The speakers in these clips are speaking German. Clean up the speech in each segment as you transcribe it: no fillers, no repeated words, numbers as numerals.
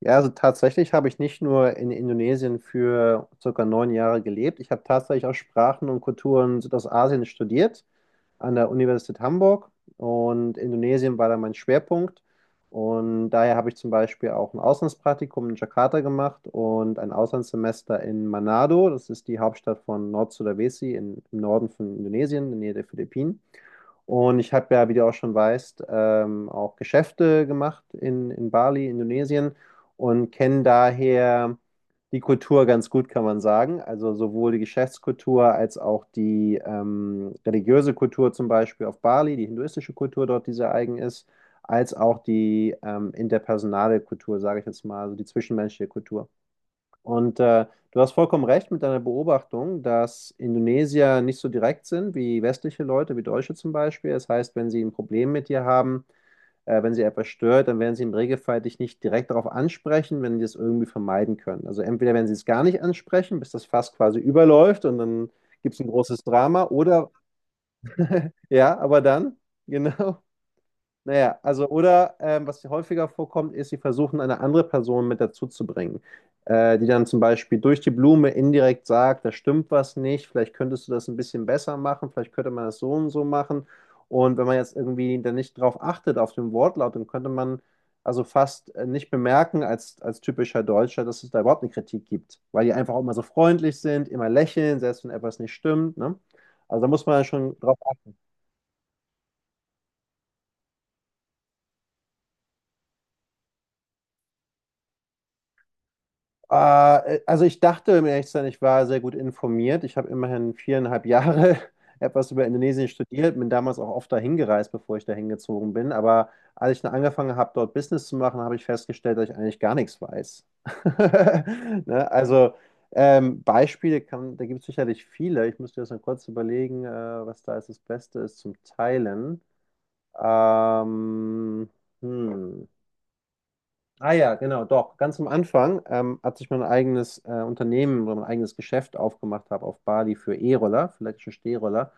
Ja, also tatsächlich habe ich nicht nur in Indonesien für circa neun Jahre gelebt. Ich habe tatsächlich auch Sprachen und Kulturen Südostasien studiert an der Universität Hamburg und Indonesien war da mein Schwerpunkt. Und daher habe ich zum Beispiel auch ein Auslandspraktikum in Jakarta gemacht und ein Auslandssemester in Manado. Das ist die Hauptstadt von Nord-Sulawesi im Norden von Indonesien, in der Nähe der Philippinen. Und ich habe ja, wie du auch schon weißt, auch Geschäfte gemacht in Bali, Indonesien und kenne daher die Kultur ganz gut, kann man sagen. Also sowohl die Geschäftskultur als auch die religiöse Kultur zum Beispiel auf Bali, die hinduistische Kultur dort, die sehr eigen ist, als auch die interpersonale Kultur, sage ich jetzt mal, also die zwischenmenschliche Kultur. Und äh, du hast vollkommen recht mit deiner Beobachtung, dass Indonesier nicht so direkt sind wie westliche Leute, wie Deutsche zum Beispiel. Das heißt, wenn sie ein Problem mit dir haben, wenn sie etwas stört, dann werden sie im Regelfall dich nicht direkt darauf ansprechen, wenn die das irgendwie vermeiden können. Also entweder werden sie es gar nicht ansprechen, bis das Fass quasi überläuft und dann gibt es ein großes Drama, oder ja, aber dann, genau. Naja, also oder was häufiger vorkommt, ist, sie versuchen, eine andere Person mit dazu zu bringen, die dann zum Beispiel durch die Blume indirekt sagt, da stimmt was nicht, vielleicht könntest du das ein bisschen besser machen, vielleicht könnte man das so und so machen. Und wenn man jetzt irgendwie dann nicht drauf achtet, auf den Wortlaut, dann könnte man also fast nicht bemerken als typischer Deutscher, dass es da überhaupt eine Kritik gibt, weil die einfach auch immer so freundlich sind, immer lächeln, selbst wenn etwas nicht stimmt, ne? Also da muss man ja schon drauf achten. Also ich dachte, um ehrlich zu sein, ich war sehr gut informiert. Ich habe immerhin viereinhalb Jahre etwas über Indonesien studiert, bin damals auch oft dahin gereist, bevor ich dahin gezogen bin. Aber als ich dann angefangen habe, dort Business zu machen, habe ich festgestellt, dass ich eigentlich gar nichts weiß. Ne? Also Beispiele kann, da gibt es sicherlich viele. Ich müsste jetzt mal kurz überlegen, was da jetzt das Beste ist zum Teilen. Ähm, hm. Ah ja, genau, doch. Ganz am Anfang, als ich mein eigenes Unternehmen oder mein eigenes Geschäft aufgemacht habe auf Bali für E-Roller, für elektrische Stehroller,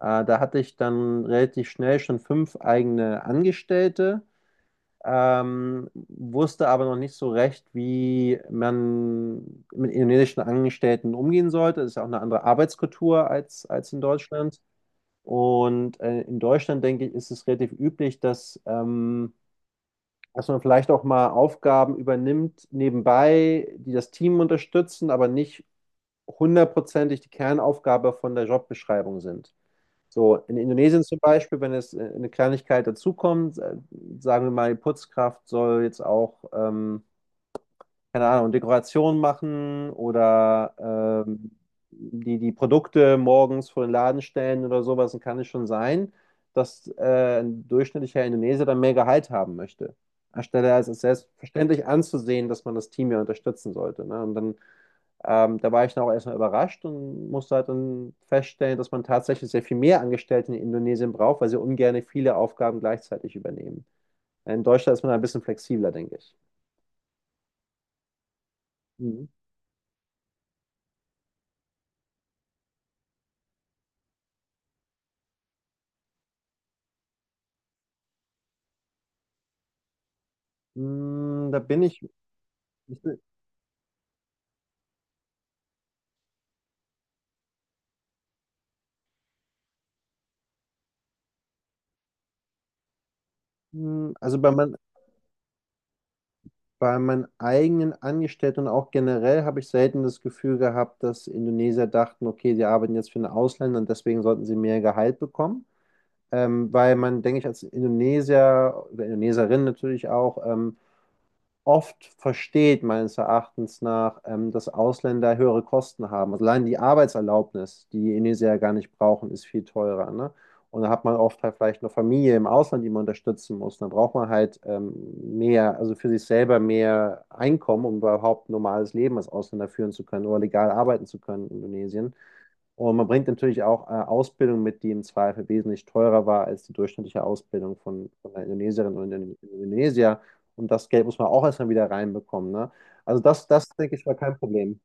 da hatte ich dann relativ schnell schon fünf eigene Angestellte, wusste aber noch nicht so recht, wie man mit indonesischen Angestellten umgehen sollte. Das ist ja auch eine andere Arbeitskultur als in Deutschland. Und in Deutschland, denke ich, ist es relativ üblich, dass... dass man vielleicht auch mal Aufgaben übernimmt nebenbei, die das Team unterstützen, aber nicht hundertprozentig die Kernaufgabe von der Jobbeschreibung sind. So, in Indonesien zum Beispiel, wenn es eine Kleinigkeit dazukommt, sagen wir mal, die Putzkraft soll jetzt auch keine Ahnung, Dekorationen machen oder ähm, die, die Produkte morgens vor den Laden stellen oder sowas, dann kann es schon sein, dass ein durchschnittlicher Indonesier dann mehr Gehalt haben möchte. Anstelle als es selbstverständlich anzusehen, dass man das Team ja unterstützen sollte. Ne? Und dann, da war ich dann auch erstmal überrascht und musste halt dann feststellen, dass man tatsächlich sehr viel mehr Angestellte in Indonesien braucht, weil sie ungern viele Aufgaben gleichzeitig übernehmen. In Deutschland ist man ein bisschen flexibler, denke ich. Mhm. Mm, Da bin ich, ich bin- mm, also bei, mein, Bei meinen eigenen Angestellten und auch generell habe ich selten das Gefühl gehabt, dass Indonesier dachten, okay, sie arbeiten jetzt für einen Ausländer und deswegen sollten sie mehr Gehalt bekommen. Weil man, denke ich, als Indonesier oder Indoneserin natürlich auch, oft versteht, meines Erachtens nach, dass Ausländer höhere Kosten haben. Also allein die Arbeitserlaubnis, die Indonesier ja gar nicht brauchen, ist viel teurer, ne? Und da hat man oft halt vielleicht eine Familie im Ausland, die man unterstützen muss. Dann braucht man halt mehr, also für sich selber mehr Einkommen, um überhaupt ein normales Leben als Ausländer führen zu können oder legal arbeiten zu können in Indonesien. Und man bringt natürlich auch Ausbildung mit, die im Zweifel wesentlich teurer war als die durchschnittliche Ausbildung von einer Indonesierin oder einem Indonesier. Und das Geld muss man auch erstmal wieder reinbekommen. Ne? Also denke ich, war kein Problem.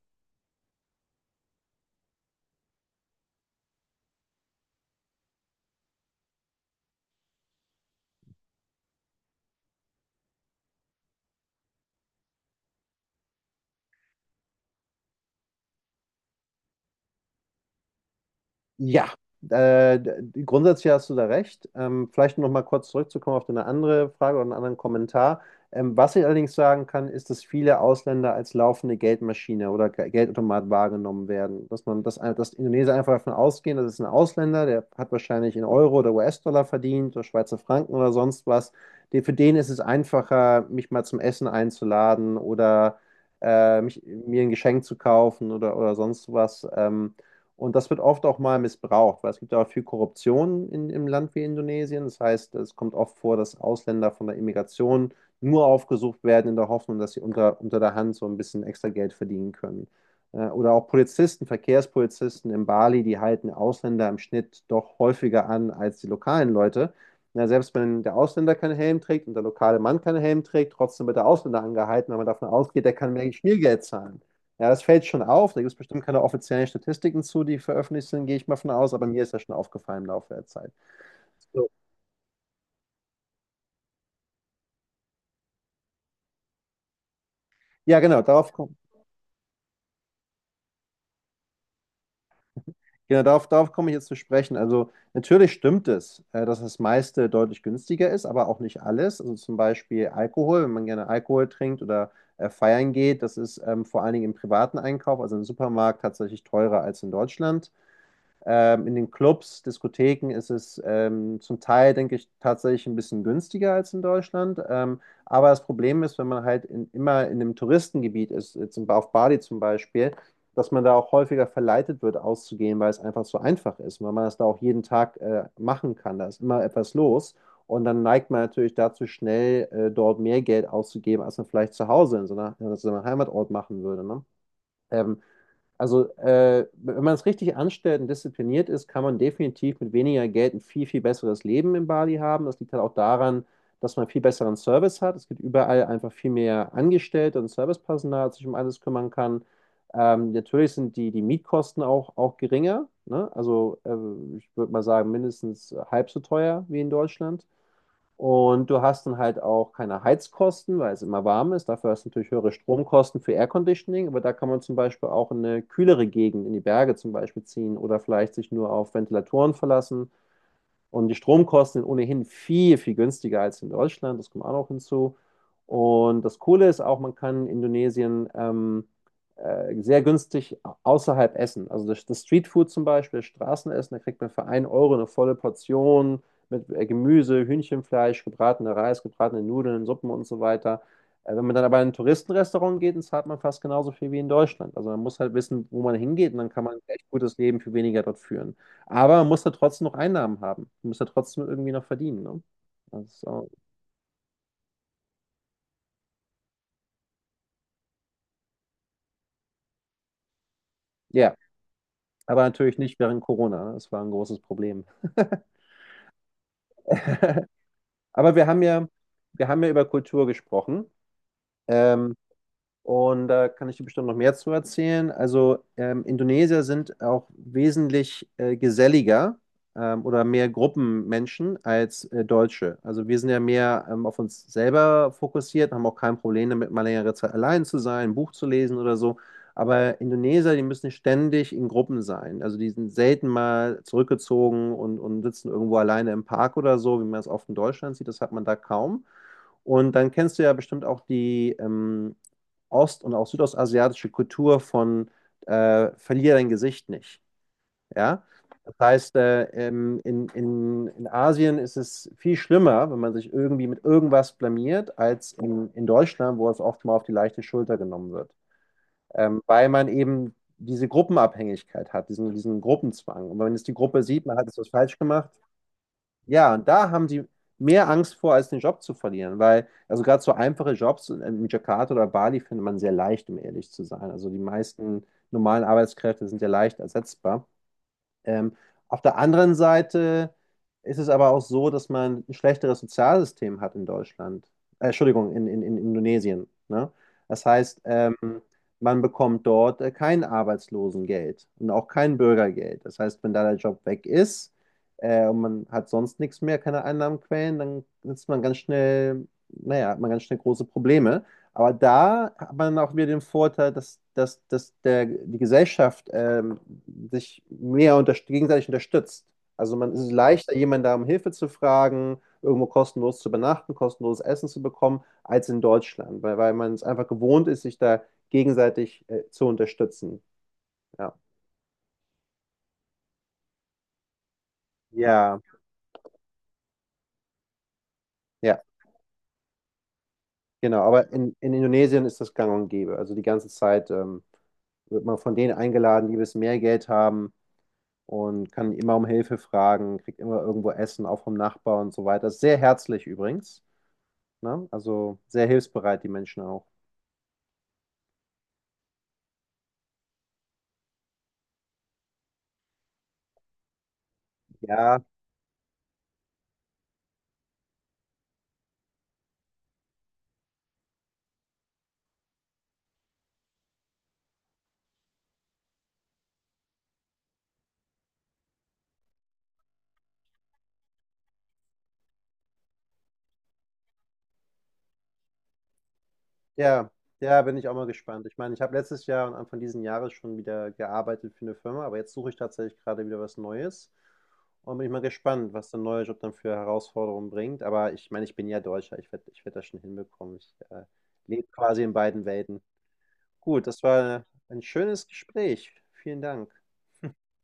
Ja, grundsätzlich hast du da recht. Vielleicht noch mal kurz zurückzukommen auf eine andere Frage oder einen anderen Kommentar. Was ich allerdings sagen kann, ist, dass viele Ausländer als laufende Geldmaschine oder Geldautomat wahrgenommen werden. Dass Indonesier einfach davon ausgehen, das ist ein Ausländer, der hat wahrscheinlich in Euro oder US-Dollar verdient oder Schweizer Franken oder sonst was. Die, für den ist es einfacher, mich mal zum Essen einzuladen oder mir ein Geschenk zu kaufen oder sonst was. Und das wird oft auch mal missbraucht, weil es gibt ja auch viel Korruption im Land wie Indonesien. Das heißt, es kommt oft vor, dass Ausländer von der Immigration nur aufgesucht werden in der Hoffnung, dass sie unter der Hand so ein bisschen extra Geld verdienen können. Oder auch Polizisten, Verkehrspolizisten in Bali, die halten Ausländer im Schnitt doch häufiger an als die lokalen Leute. Ja, selbst wenn der Ausländer keinen Helm trägt und der lokale Mann keinen Helm trägt, trotzdem wird der Ausländer angehalten, weil man davon ausgeht, der kann mehr Schmiergeld zahlen. Ja, das fällt schon auf. Da gibt es bestimmt keine offiziellen Statistiken zu, die veröffentlicht sind, gehe ich mal von aus. Aber mir ist das schon aufgefallen im Laufe der Zeit. So. Ja, genau, darauf komme ich jetzt zu sprechen. Also natürlich stimmt es, dass das meiste deutlich günstiger ist, aber auch nicht alles. Also zum Beispiel Alkohol, wenn man gerne Alkohol trinkt oder feiern geht, das ist vor allen Dingen im privaten Einkauf, also im Supermarkt, tatsächlich teurer als in Deutschland. In den Clubs, Diskotheken ist es zum Teil, denke ich, tatsächlich ein bisschen günstiger als in Deutschland. Aber das Problem ist, wenn man halt immer in einem Touristengebiet ist, jetzt auf Bali zum Beispiel, dass man da auch häufiger verleitet wird, auszugehen, weil es einfach so einfach ist, weil man das da auch jeden Tag machen kann. Da ist immer etwas los. Und dann neigt man natürlich dazu, schnell dort mehr Geld auszugeben, als man vielleicht zu Hause in so einem Heimatort machen würde. Ne? Ähm, Wenn man es richtig anstellt und diszipliniert ist, kann man definitiv mit weniger Geld ein viel, viel besseres Leben in Bali haben. Das liegt halt auch daran, dass man viel besseren Service hat. Es gibt überall einfach viel mehr Angestellte und Servicepersonal, das sich um alles kümmern kann. Natürlich sind die Mietkosten auch geringer, ne? Ich würde mal sagen, mindestens halb so teuer wie in Deutschland. Und du hast dann halt auch keine Heizkosten, weil es immer warm ist. Dafür hast du natürlich höhere Stromkosten für Air Conditioning, aber da kann man zum Beispiel auch in eine kühlere Gegend, in die Berge zum Beispiel ziehen oder vielleicht sich nur auf Ventilatoren verlassen. Und die Stromkosten sind ohnehin viel, viel günstiger als in Deutschland. Das kommt auch noch hinzu. Und das Coole ist auch, man kann in Indonesien sehr günstig außerhalb essen. Also das Streetfood zum Beispiel, das Straßenessen, da kriegt man für 1 Euro eine volle Portion mit Gemüse, Hühnchenfleisch, gebratener Reis, gebratene Nudeln, Suppen und so weiter. Wenn man dann aber in ein Touristenrestaurant geht, dann zahlt man fast genauso viel wie in Deutschland. Also man muss halt wissen, wo man hingeht und dann kann man ein echt gutes Leben für weniger dort führen. Aber man muss da trotzdem noch Einnahmen haben. Man muss da trotzdem irgendwie noch verdienen. Ne? Also, ja, aber natürlich nicht während Corona. Das war ein großes Problem. Aber wir haben ja über Kultur gesprochen. Ähm, Und da kann ich dir bestimmt noch mehr zu erzählen. Also Indonesier sind auch wesentlich geselliger oder mehr Gruppenmenschen als Deutsche. Also wir sind ja mehr auf uns selber fokussiert, haben auch kein Problem damit, mal längere Zeit allein zu sein, ein Buch zu lesen oder so. Aber Indonesier, die müssen ständig in Gruppen sein. Also die sind selten mal zurückgezogen und sitzen irgendwo alleine im Park oder so, wie man es oft in Deutschland sieht. Das hat man da kaum. Und dann kennst du ja bestimmt auch die, ost- und auch südostasiatische Kultur von verlier dein Gesicht nicht. Ja? Das heißt, in Asien ist es viel schlimmer, wenn man sich irgendwie mit irgendwas blamiert, als in Deutschland, wo es oft mal auf die leichte Schulter genommen wird. Weil man eben diese Gruppenabhängigkeit hat, diesen Gruppenzwang. Und wenn es die Gruppe sieht, man hat es was falsch gemacht, ja, und da haben sie mehr Angst vor, als den Job zu verlieren, weil, also gerade so einfache Jobs in Jakarta oder Bali findet man sehr leicht, um ehrlich zu sein. Also die meisten normalen Arbeitskräfte sind ja leicht ersetzbar. Ähm, auf der anderen Seite ist es aber auch so, dass man ein schlechteres Sozialsystem hat in Deutschland. Entschuldigung, in Indonesien. Ne? Das heißt, man bekommt dort kein Arbeitslosengeld und auch kein Bürgergeld. Das heißt, wenn da der Job weg ist und man hat sonst nichts mehr, keine Einnahmenquellen, dann sitzt man ganz schnell, naja, hat man ganz schnell große Probleme. Aber da hat man auch wieder den Vorteil, die Gesellschaft sich mehr gegenseitig unterstützt. Also man es ist leichter, jemanden da um Hilfe zu fragen, irgendwo kostenlos zu übernachten, kostenloses Essen zu bekommen, als in Deutschland, weil man es einfach gewohnt ist, sich da gegenseitig zu unterstützen. Ja. Ja, ja, genau. Aber in Indonesien ist das gang und gäbe. Also die ganze Zeit wird man von denen eingeladen, die ein bisschen mehr Geld haben und kann immer um Hilfe fragen, kriegt immer irgendwo Essen, auch vom Nachbar und so weiter. Sehr herzlich übrigens, ne? Also sehr hilfsbereit, die Menschen auch. Ja, ja, ja, bin ich auch mal gespannt. Ich meine, ich habe letztes Jahr und Anfang diesen Jahres schon wieder gearbeitet für eine Firma, aber jetzt suche ich tatsächlich gerade wieder was Neues und bin ich mal gespannt, was der neue Job dann für Herausforderungen bringt. Aber ich meine, ich bin ja Deutscher, ich werd das schon hinbekommen. Ich lebe quasi in beiden Welten. Gut, das war ein schönes Gespräch. Vielen Dank.